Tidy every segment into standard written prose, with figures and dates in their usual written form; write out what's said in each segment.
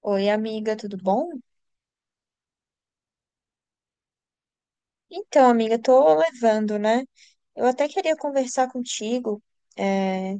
Oi, amiga, tudo bom? Então, amiga, tô levando, né? Eu até queria conversar contigo. É,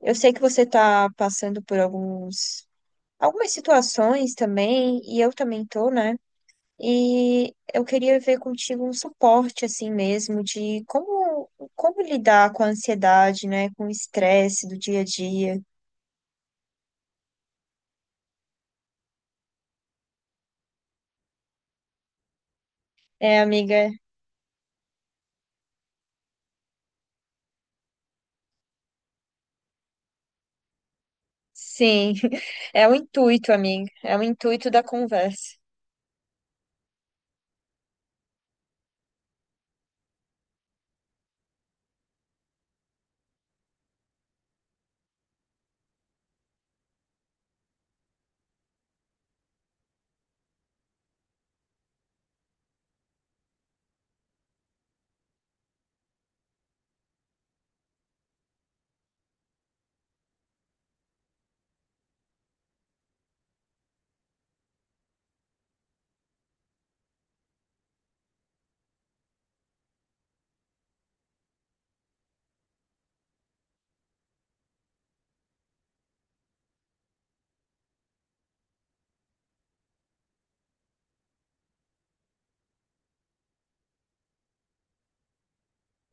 eu sei que você tá passando por algumas situações também, e eu também tô, né? E eu queria ver contigo um suporte, assim mesmo, de como lidar com a ansiedade, né? Com o estresse do dia a dia. É, amiga, sim, é o intuito, amiga, é o intuito da conversa.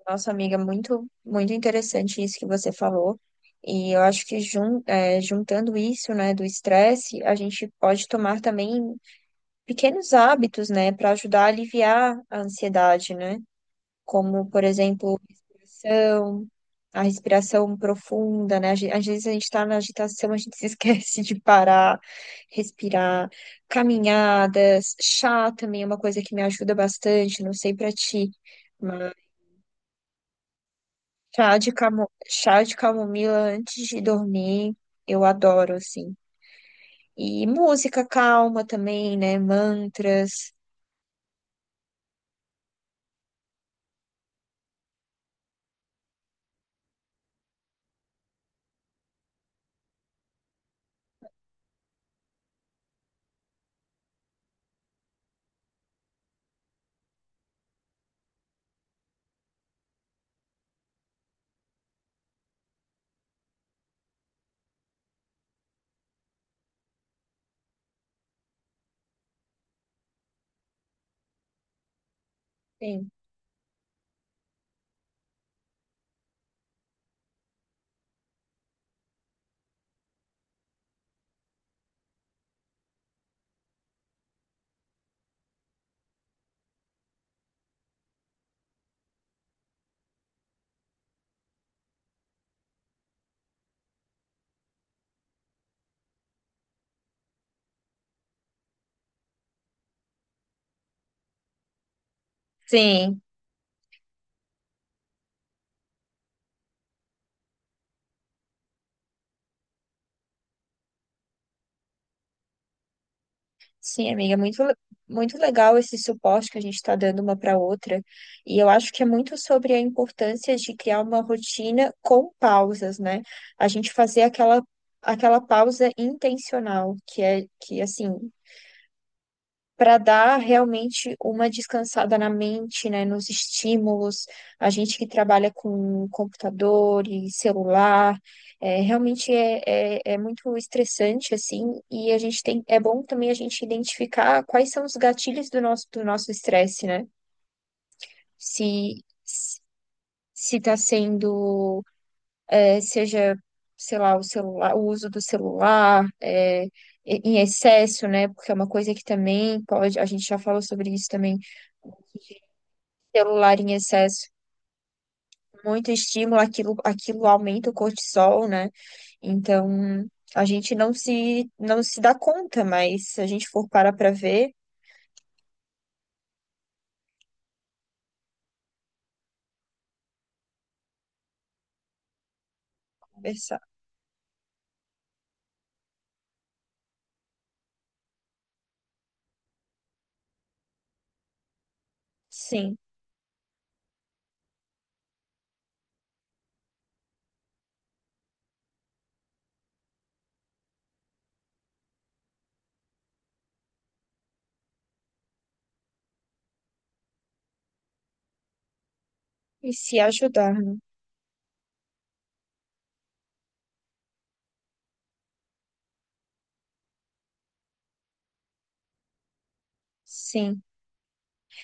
Nossa, amiga, muito interessante isso que você falou. E eu acho que juntando isso, né, do estresse, a gente pode tomar também pequenos hábitos, né, para ajudar a aliviar a ansiedade, né? Como, por exemplo, a respiração profunda, né? Às vezes a gente está na agitação, a gente se esquece de parar, respirar, caminhadas, chá também é uma coisa que me ajuda bastante, não sei para ti. Chá de camomila antes de dormir, eu adoro, assim. E música calma também, né? Mantras. Sim, sim, sim, amiga. Muito legal esse suporte que a gente está dando uma para outra. E eu acho que é muito sobre a importância de criar uma rotina com pausas, né? A gente fazer aquela pausa intencional, que é que, assim. Para dar realmente uma descansada na mente, né, nos estímulos. A gente que trabalha com computador e celular, realmente é muito estressante, assim, e a gente tem, é bom também a gente identificar quais são os gatilhos do do nosso estresse, né? Se, se está sendo eh, seja, sei lá, o celular, o uso do celular, em excesso, né? Porque é uma coisa que também pode, a gente já falou sobre isso também, celular em excesso, muito estímulo, aquilo aumenta o cortisol, né? Então, a gente não se dá conta, mas se a gente for parar para ver, conversar, sim, e se ajudar, né? Sim.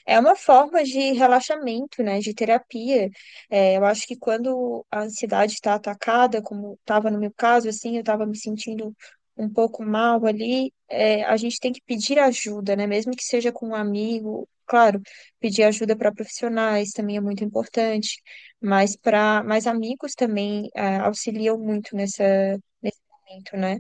É uma forma de relaxamento, né, de terapia. É, eu acho que quando a ansiedade está atacada, como estava no meu caso, assim, eu estava me sentindo um pouco mal ali, é, a gente tem que pedir ajuda, né, mesmo que seja com um amigo. Claro, pedir ajuda para profissionais também é muito importante, mas amigos também é, auxiliam muito nessa, nesse momento, né?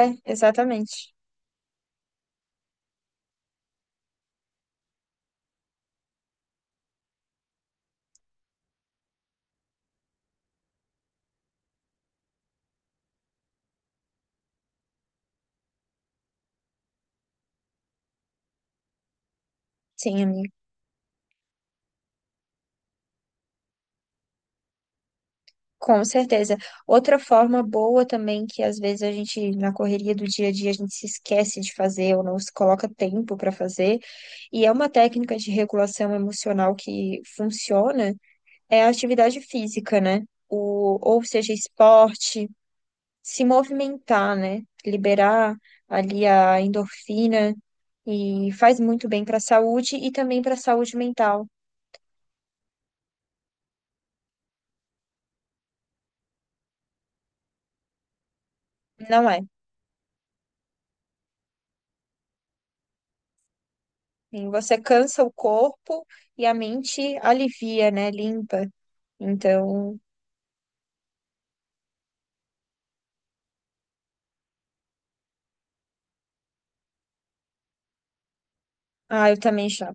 É, exatamente. Sim, amiga. Com certeza. Outra forma boa também que às vezes a gente, na correria do dia a dia, a gente se esquece de fazer ou não se coloca tempo para fazer, e é uma técnica de regulação emocional que funciona, é a atividade física, né? Ou seja, esporte, se movimentar, né? Liberar ali a endorfina e faz muito bem para a saúde e também para a saúde mental, não é? Sim. Você cansa o corpo e a mente alivia, né? Limpa. Então, ah, eu também já,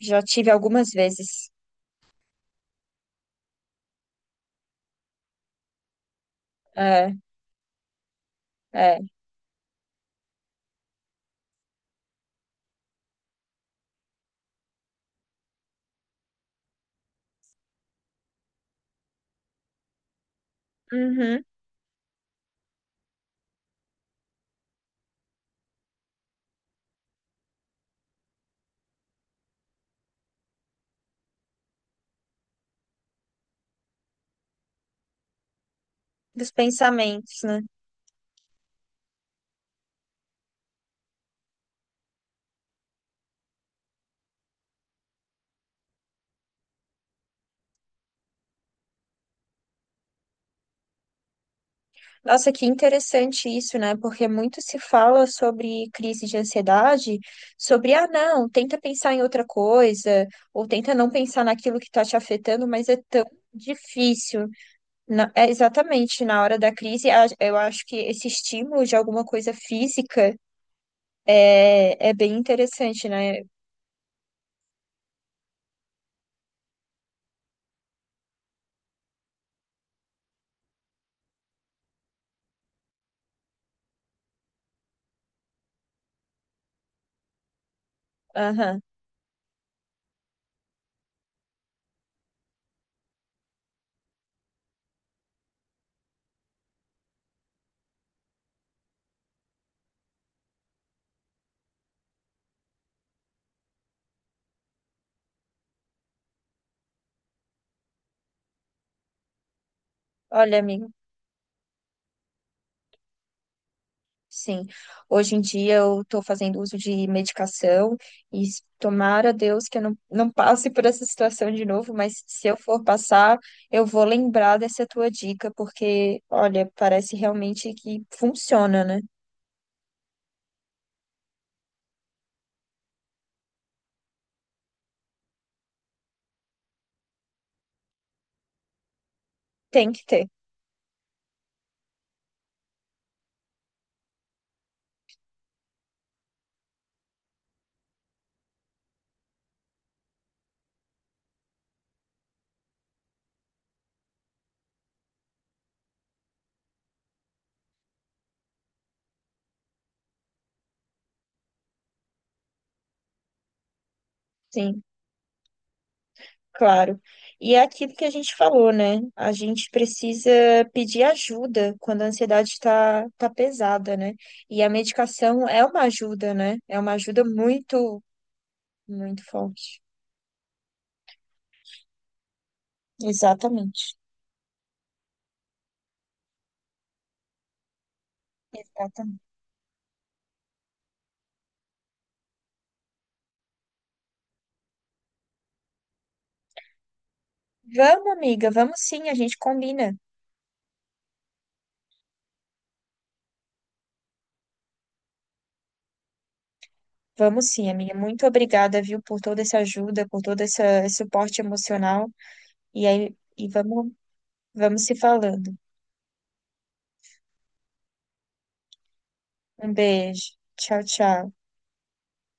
já tive algumas vezes. É, é. Uhum. Dos pensamentos, né? Nossa, que interessante isso, né? Porque muito se fala sobre crise de ansiedade, sobre, ah, não, tenta pensar em outra coisa, ou tenta não pensar naquilo que está te afetando, mas é tão difícil. É exatamente, na hora da crise, a- eu acho que esse estímulo de alguma coisa física. É, é bem interessante, né? Aham. Olha, amigo, sim. Hoje em dia eu estou fazendo uso de medicação e tomara a Deus que eu não passe por essa situação de novo, mas se eu for passar, eu vou lembrar dessa tua dica, porque, olha, parece realmente que funciona, né? Tem que ter. Sim. Claro. E é aquilo que a gente falou, né? A gente precisa pedir ajuda quando a ansiedade está tá tá pesada, né? E a medicação é uma ajuda, né? É uma ajuda muito forte. Exatamente. Exatamente. Vamos, amiga, vamos sim, a gente combina. Vamos sim, amiga. Muito obrigada, viu, por toda essa ajuda, por esse suporte emocional. E aí, e vamos, vamos se falando. Um beijo. Tchau, tchau.